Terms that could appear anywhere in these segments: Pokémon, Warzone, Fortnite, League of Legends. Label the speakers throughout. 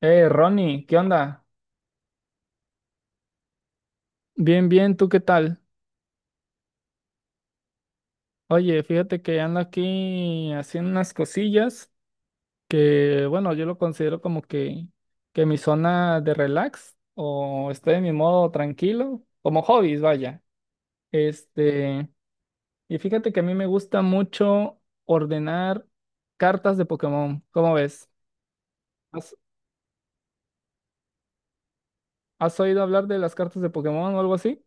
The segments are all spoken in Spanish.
Speaker 1: Ronnie, ¿qué onda? Bien, bien, ¿tú qué tal? Oye, fíjate que ando aquí haciendo unas cosillas que, bueno, yo lo considero como que mi zona de relax o estoy en mi modo tranquilo, como hobbies, vaya. Este, y fíjate que a mí me gusta mucho ordenar cartas de Pokémon, ¿cómo ves? ¿Has, ¿Has oído hablar de las cartas de Pokémon o algo así?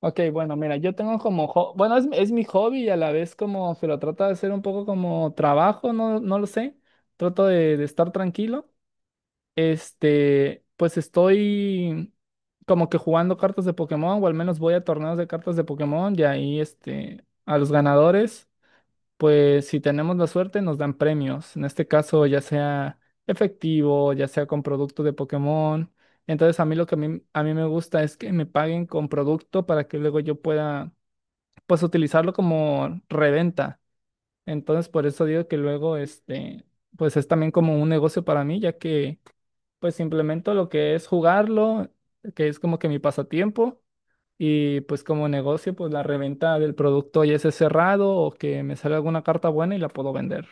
Speaker 1: Ok, bueno, mira, yo tengo como, bueno, es mi hobby y a la vez como que lo trato de hacer un poco como trabajo, no, no lo sé, trato de estar tranquilo. Este, pues estoy como que jugando cartas de Pokémon o al menos voy a torneos de cartas de Pokémon y ahí este, a los ganadores pues si tenemos la suerte nos dan premios, en este caso ya sea efectivo, ya sea con producto de Pokémon. Entonces a mí lo que a mí me gusta es que me paguen con producto para que luego yo pueda pues utilizarlo como reventa. Entonces por eso digo que luego este pues es también como un negocio para mí, ya que pues implemento lo que es jugarlo, que es como que mi pasatiempo. Y pues como negocio, pues la reventa del producto ya esté cerrado o que me sale alguna carta buena y la puedo vender.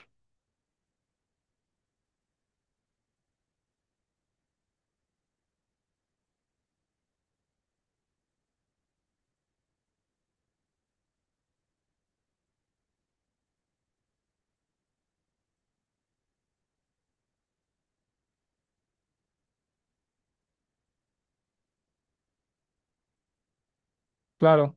Speaker 1: Claro,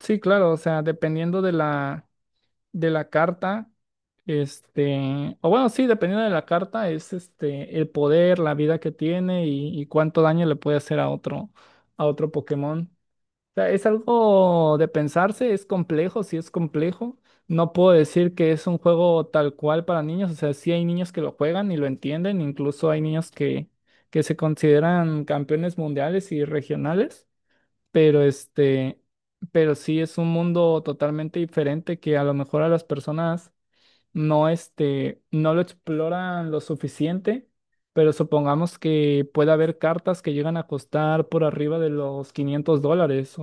Speaker 1: sí, claro, o sea, dependiendo de de la carta, este, o bueno, sí, dependiendo de la carta es este, el poder, la vida que tiene y cuánto daño le puede hacer a otro Pokémon. Sea, es algo de pensarse, es complejo, sí es complejo. No puedo decir que es un juego tal cual para niños, o sea, sí hay niños que lo juegan y lo entienden, incluso hay niños que se consideran campeones mundiales y regionales, pero este, pero sí es un mundo totalmente diferente que a lo mejor a las personas no, este, no lo exploran lo suficiente. Pero supongamos que puede haber cartas que llegan a costar por arriba de los 500 dólares.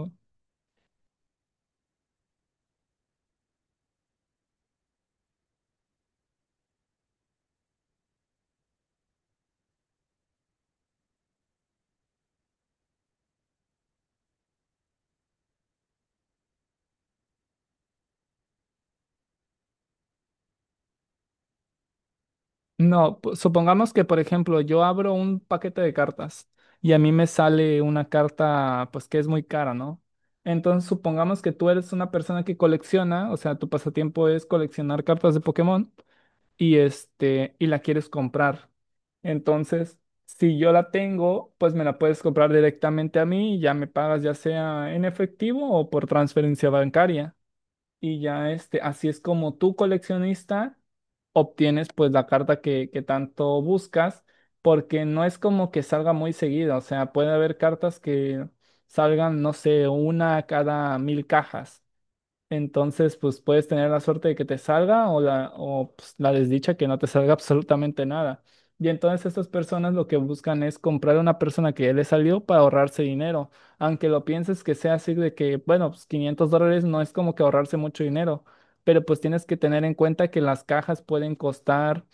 Speaker 1: No, supongamos que, por ejemplo, yo abro un paquete de cartas y a mí me sale una carta, pues que es muy cara, ¿no? Entonces, supongamos que tú eres una persona que colecciona, o sea, tu pasatiempo es coleccionar cartas de Pokémon y este, y la quieres comprar. Entonces, si yo la tengo, pues me la puedes comprar directamente a mí y ya me pagas ya sea en efectivo o por transferencia bancaria y ya este, así es como tú coleccionista obtienes pues la carta que tanto buscas, porque no es como que salga muy seguido, o sea, puede haber cartas que salgan, no sé, una cada 1000 cajas. Entonces, pues puedes tener la suerte de que te salga o la, o, pues, la desdicha que no te salga absolutamente nada. Y entonces estas personas lo que buscan es comprar a una persona que ya le salió para ahorrarse dinero. Aunque lo pienses que sea así de que, bueno, pues 500 dólares no es como que ahorrarse mucho dinero, pero pues tienes que tener en cuenta que las cajas pueden costar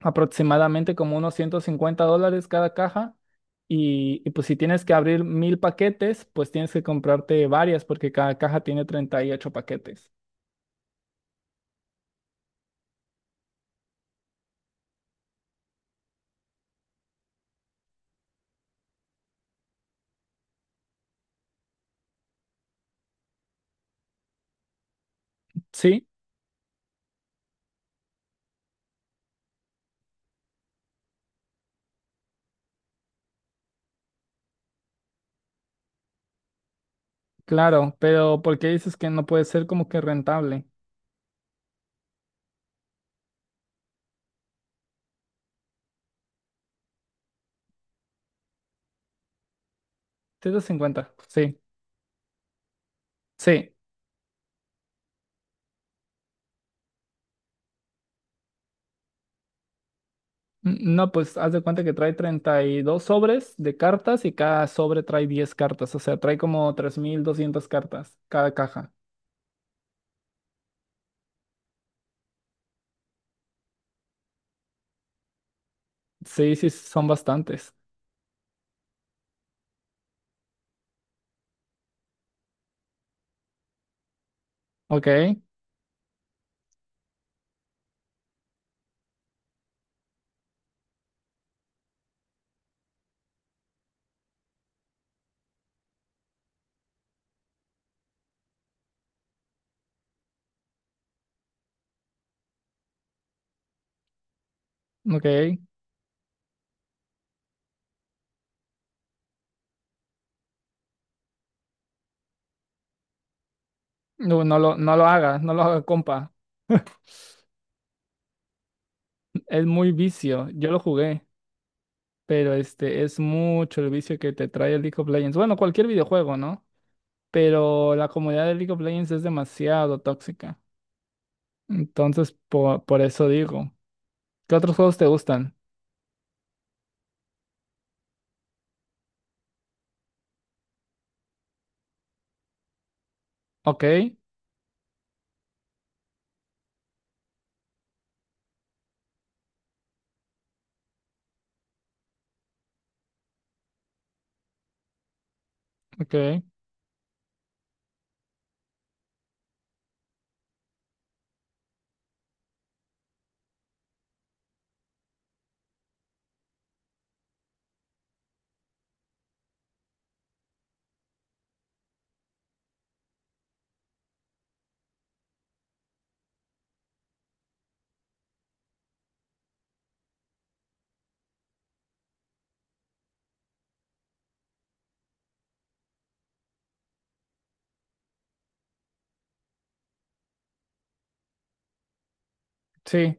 Speaker 1: aproximadamente como unos 150 dólares cada caja. Y pues si tienes que abrir 1000 paquetes, pues tienes que comprarte varias porque cada caja tiene 38 paquetes. Sí, claro, pero ¿por qué dices que no puede ser como que rentable? 350, sí, sí. No, pues haz de cuenta que trae 32 sobres de cartas y cada sobre trae 10 cartas, o sea, trae como 3.200 cartas cada caja. Sí, sí, son bastantes. Ok, ok. No, no lo haga, no lo haga, compa. Es muy vicio, yo lo jugué, pero este es mucho el vicio que te trae el League of Legends. Bueno, cualquier videojuego, ¿no? Pero la comunidad de League of Legends es demasiado tóxica. Entonces, eso digo, ¿qué otros juegos te gustan? Ok, ok, sí,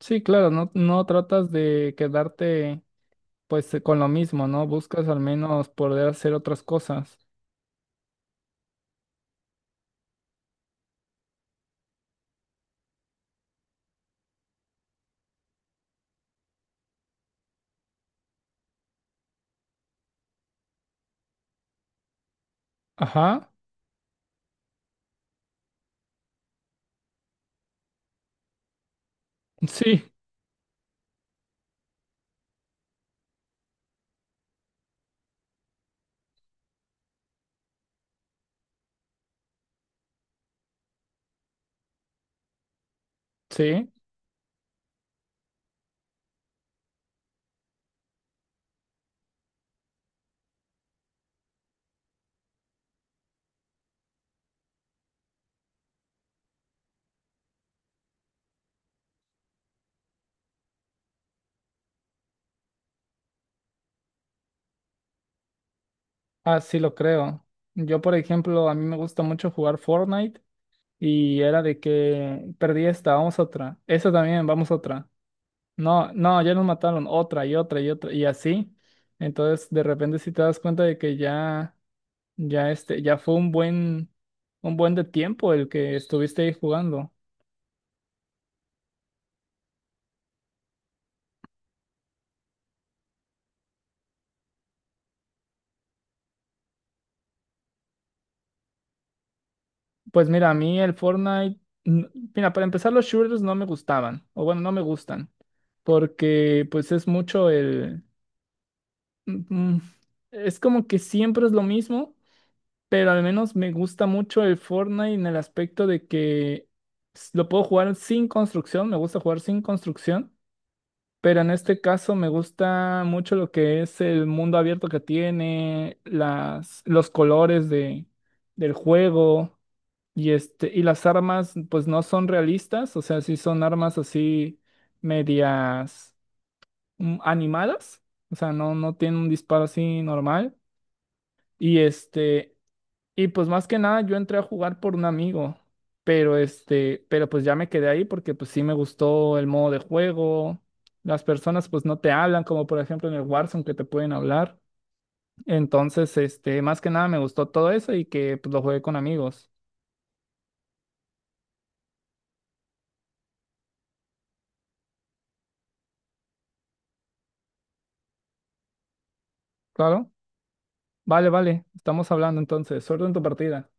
Speaker 1: sí, claro, no, no tratas de quedarte pues con lo mismo, ¿no? Buscas al menos poder hacer otras cosas. Ajá, sí, sí, así lo creo. Yo, por ejemplo, a mí me gusta mucho jugar Fortnite y era de que perdí esta, vamos a otra, esta también, vamos a otra. No, no, ya nos mataron otra y otra y otra y así. Entonces, de repente si te das cuenta de que ya, ya este, ya fue un buen de tiempo el que estuviste ahí jugando. Pues mira, a mí el Fortnite, n- mira, para empezar los shooters no me gustaban, o bueno, no me gustan, porque pues es mucho el, mm, mm, es como que siempre es lo mismo, pero al menos me gusta mucho el Fortnite en el aspecto de que lo puedo jugar sin construcción, me gusta jugar sin construcción. Pero en este caso me gusta mucho lo que es el mundo abierto que tiene, los colores de, del juego y, este, y las armas pues no son realistas, o sea, sí son armas así medias animadas, o sea, no, no tienen un disparo así normal. Y este, y pues más que nada yo entré a jugar por un amigo, pero este, pero pues ya me quedé ahí porque pues sí me gustó el modo de juego. Las personas pues no te hablan, como por ejemplo en el Warzone que te pueden hablar. Entonces, este, más que nada me gustó todo eso y que pues lo jugué con amigos. Claro. Vale, vale. Estamos hablando entonces. Suerte en tu partida.